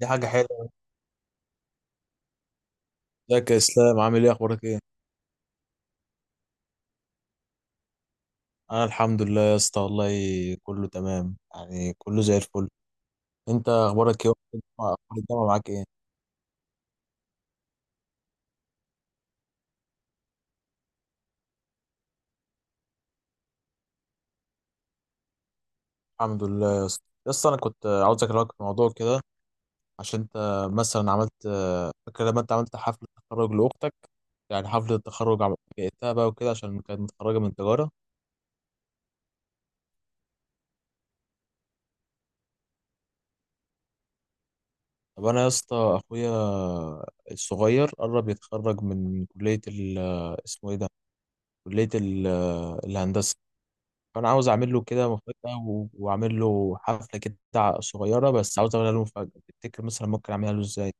دي حاجة حلوة. ازيك يا اسلام؟ عامل ايه؟ اخبارك ايه؟ انا الحمد لله يا اسطى والله. كله تمام، يعني كله زي الفل. انت اخبارك ايه؟ اخبار الجامعة معاك ايه؟ الحمد لله يا اسطى. يا اسطى، انا كنت عاوز اكلمك في موضوع كده. عشان انت مثلا عملت، فاكر لما انت عملت حفلة تخرج لاختك؟ يعني حفلة التخرج جئتها بقى وكده، عشان كانت متخرجة من تجارة. طب انا يا اسطى، اخويا الصغير قرب يتخرج من كلية اسمه ايه ده، كلية الهندسة. فانا عاوز اعمل له كده مفاجأة، واعمل له حفلة كده صغيرة. بس عاوز اعملها له مفاجأة. تفتكر مثلا ممكن اعملها له ازاي؟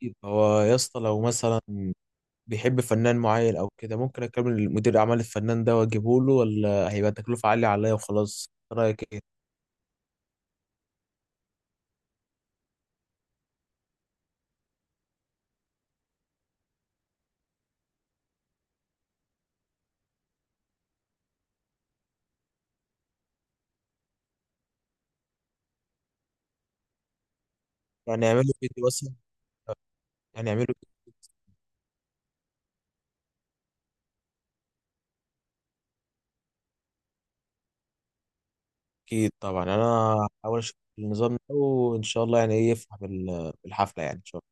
طيب، هو يا اسطى لو مثلا بيحب فنان معين او كده، ممكن اكلم مدير اعمال الفنان ده واجيبه له، ولا هيبقى تكلفة عالية عليا وخلاص؟ إيه رايك ايه؟ يعني اعمله فيديو مثلا؟ يعني اعمله فيديو. اكيد طبعا. انا هحاول اشوف النظام ده، وان شاء الله يعني ايه يفرح بالحفلة. يعني ان شاء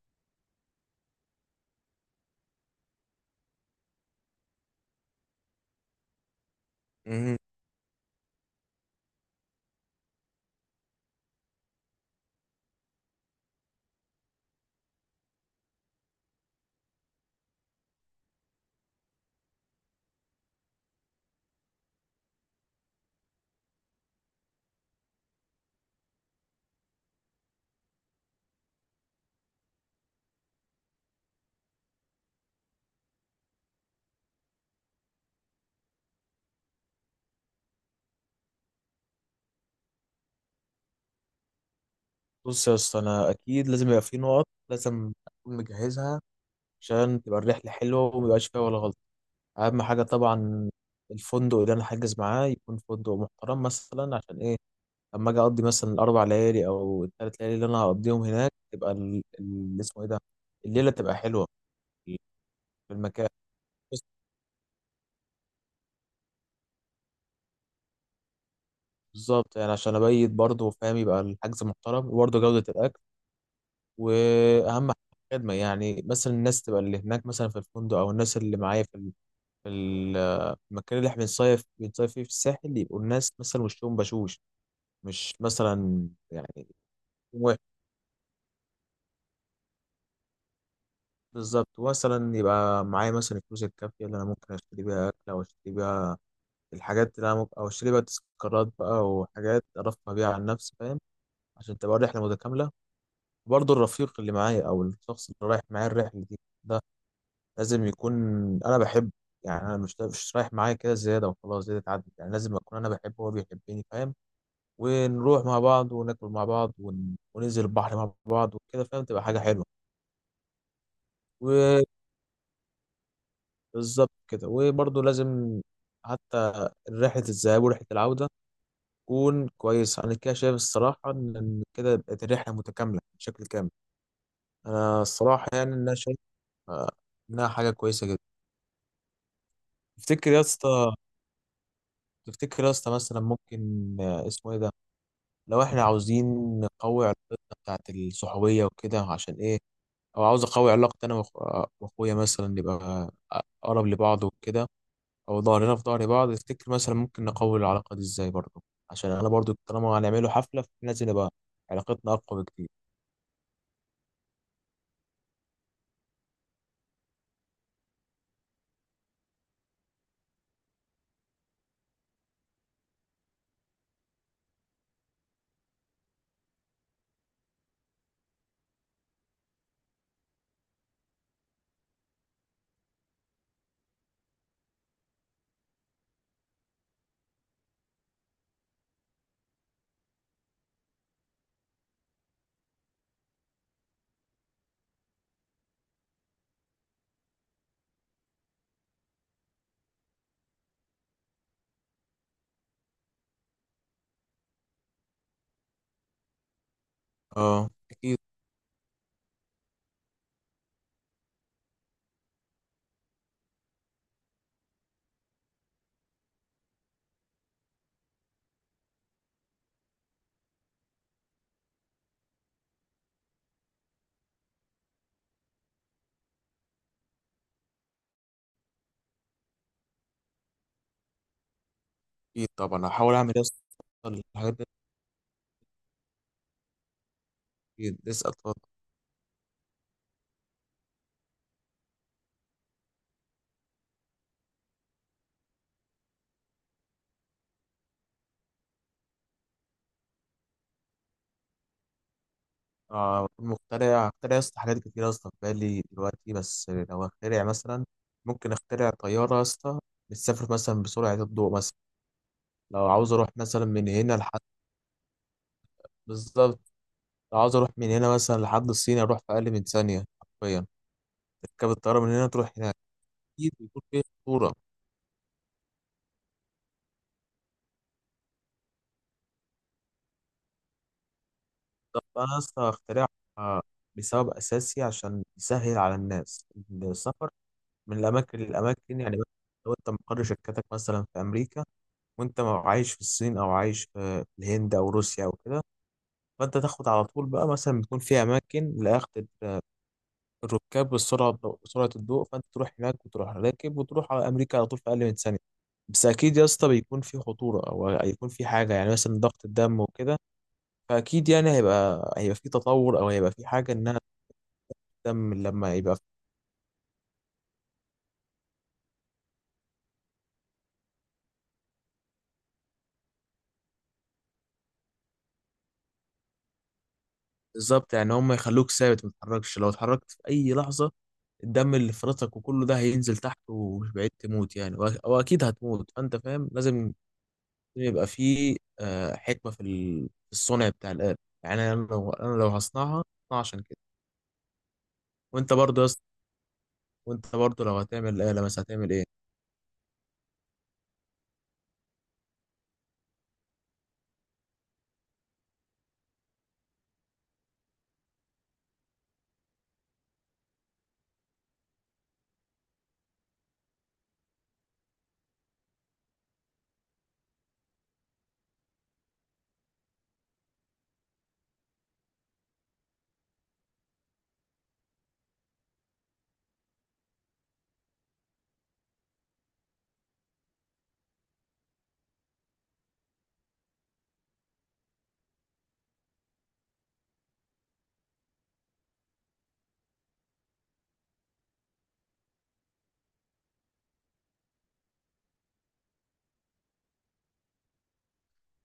الله مهم. بص يا اسطى، انا اكيد لازم يبقى في نقط لازم اكون مجهزها، عشان تبقى الرحلة حلوة وميبقاش فيها ولا غلطة. أهم حاجة طبعا الفندق اللي أنا حاجز معاه يكون فندق محترم، مثلا عشان إيه؟ لما أجي أقضي مثلا الأربع ليالي أو الثلاث ليالي اللي أنا هقضيهم هناك، تبقى اللي اسمه إيه ده، الليلة تبقى حلوة. في المكان بس. بالظبط يعني عشان أبيت برضه فاهم، يبقى الحجز محترم وبرضه جودة الأكل. وأهم حاجة الخدمة، يعني مثلا الناس تبقى اللي هناك مثلا في الفندق أو الناس اللي معايا في ال- المكان اللي إحنا بنصيف فيه في الساحل، يبقوا الناس مثلا وشهم بشوش، مش مثلا يعني واحد. بالظبط، مثلا يبقى معايا مثلا الفلوس الكافية اللي أنا ممكن أشتري بيها أكل، أو أشتري بيها الحاجات اللي أنا ممكن أو أشتري بيها تذكارات بقى، وحاجات أرفه بيها عن نفسي فاهم، عشان تبقى الرحلة متكاملة. برضه الرفيق اللي معايا أو الشخص اللي رايح معايا الرحلة دي ده، لازم يكون أنا بحبه. يعني أنا مش رايح معايا كده زيادة وخلاص، زيادة تعدي. يعني لازم أكون أنا بحبه وهو بيحبني فاهم. ونروح مع بعض وناكل مع بعض وننزل البحر مع بعض وكده فاهم، تبقى حاجة حلوة. بالظبط كده، وبرضه لازم حتى رحلة الذهاب ورحلة العودة تكون كويسة. أنا كده شايف الصراحة إن كده بقت الرحلة متكاملة بشكل كامل. أنا الصراحة يعني إن أنا شايف آه، إنها حاجة كويسة جدا. تفتكر يا اسطى تفتكر يا اسطى مثلا ممكن اسمه إيه ده، لو إحنا عاوزين نقوي علاقتنا بتاعت الصحوبية وكده، عشان إيه؟ أو عاوز أقوي علاقتي أنا وأخويا، مثلا نبقى أقرب لبعض وكده، او ظهرنا في ظهر بعض. تفتكر مثلا ممكن نقوي العلاقه دي ازاي برضه؟ عشان انا برضه طالما هنعمله حفله، فلازم نبقى علاقتنا اقوى بكتير. اه، اكيد. اكيد طبعا هحاول اعمل يا اسطى الحاجات دي. اكيد، لسه أطلع-. مخترع، اخترع يا اسطى حاجات كتير يا اسطى في بالي دلوقتي، بس لو اخترع مثلا، ممكن اخترع طياره يا اسطى بتسافر مثلا بسرعه الضوء مثلا، لو عاوز اروح مثلا من هنا لحد. بالظبط. لو عاوز اروح من هنا مثلا لحد الصين اروح في اقل من ثانيه حرفيا. تركب الطياره من هنا تروح هناك. اكيد بيكون فيه خطوره. طب انا اصلا هخترعها بسبب اساسي عشان يسهل على الناس السفر من الاماكن للاماكن، يعني مثلاً لو انت مقر شركتك مثلا في امريكا، وانت عايش في الصين او عايش في الهند او روسيا او كده، فانت تاخد على طول بقى. مثلا بتكون في اماكن لاخذ الركاب بالسرعه، بسرعه الضوء، فانت تروح هناك وتروح راكب وتروح على امريكا على طول في اقل من ثانيه. بس اكيد يا اسطى بيكون في خطوره او هيكون في حاجه، يعني مثلا ضغط الدم وكده. فاكيد يعني هيبقى في تطور، او هيبقى في حاجه انها تهتم لما يبقى بالظبط، يعني هم يخلوك ثابت ما تتحركش، لو اتحركت في اي لحظه الدم اللي في فرطك وكله ده هينزل تحت ومش بعيد تموت يعني. واكيد هتموت. فانت فاهم لازم يبقى في حكمه في الصنع بتاع الآلة. يعني انا لو هصنعها، هصنعها عشان كده. وانت برضه يا اسطى وانت برضه لو هتعمل آلة مثلا هتعمل ايه؟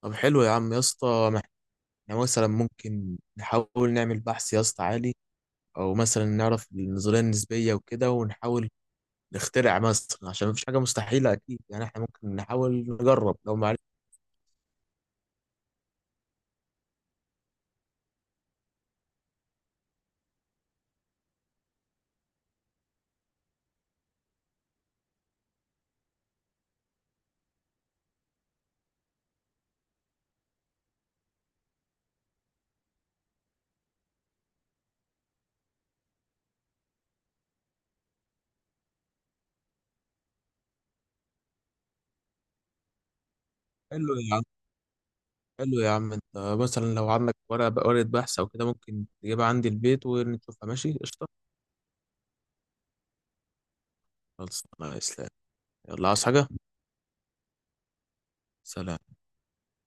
طب حلو يا عم يا اسطى، احنا مثلا ممكن نحاول نعمل بحث يا اسطى عالي، او مثلا نعرف النظريه النسبيه وكده، ونحاول نخترع مثلا، عشان مفيش حاجه مستحيله اكيد. يعني احنا ممكن نحاول نجرب، لو ما عرفت. حلو يا عم حلو يا عم، انت مثلا لو عندك ورقه بحث او كده، ممكن تجيبها عندي البيت ونشوفها. ماشي قشطه. خلاص، الله يسلمك. يلا، عاوز حاجه؟ سلام.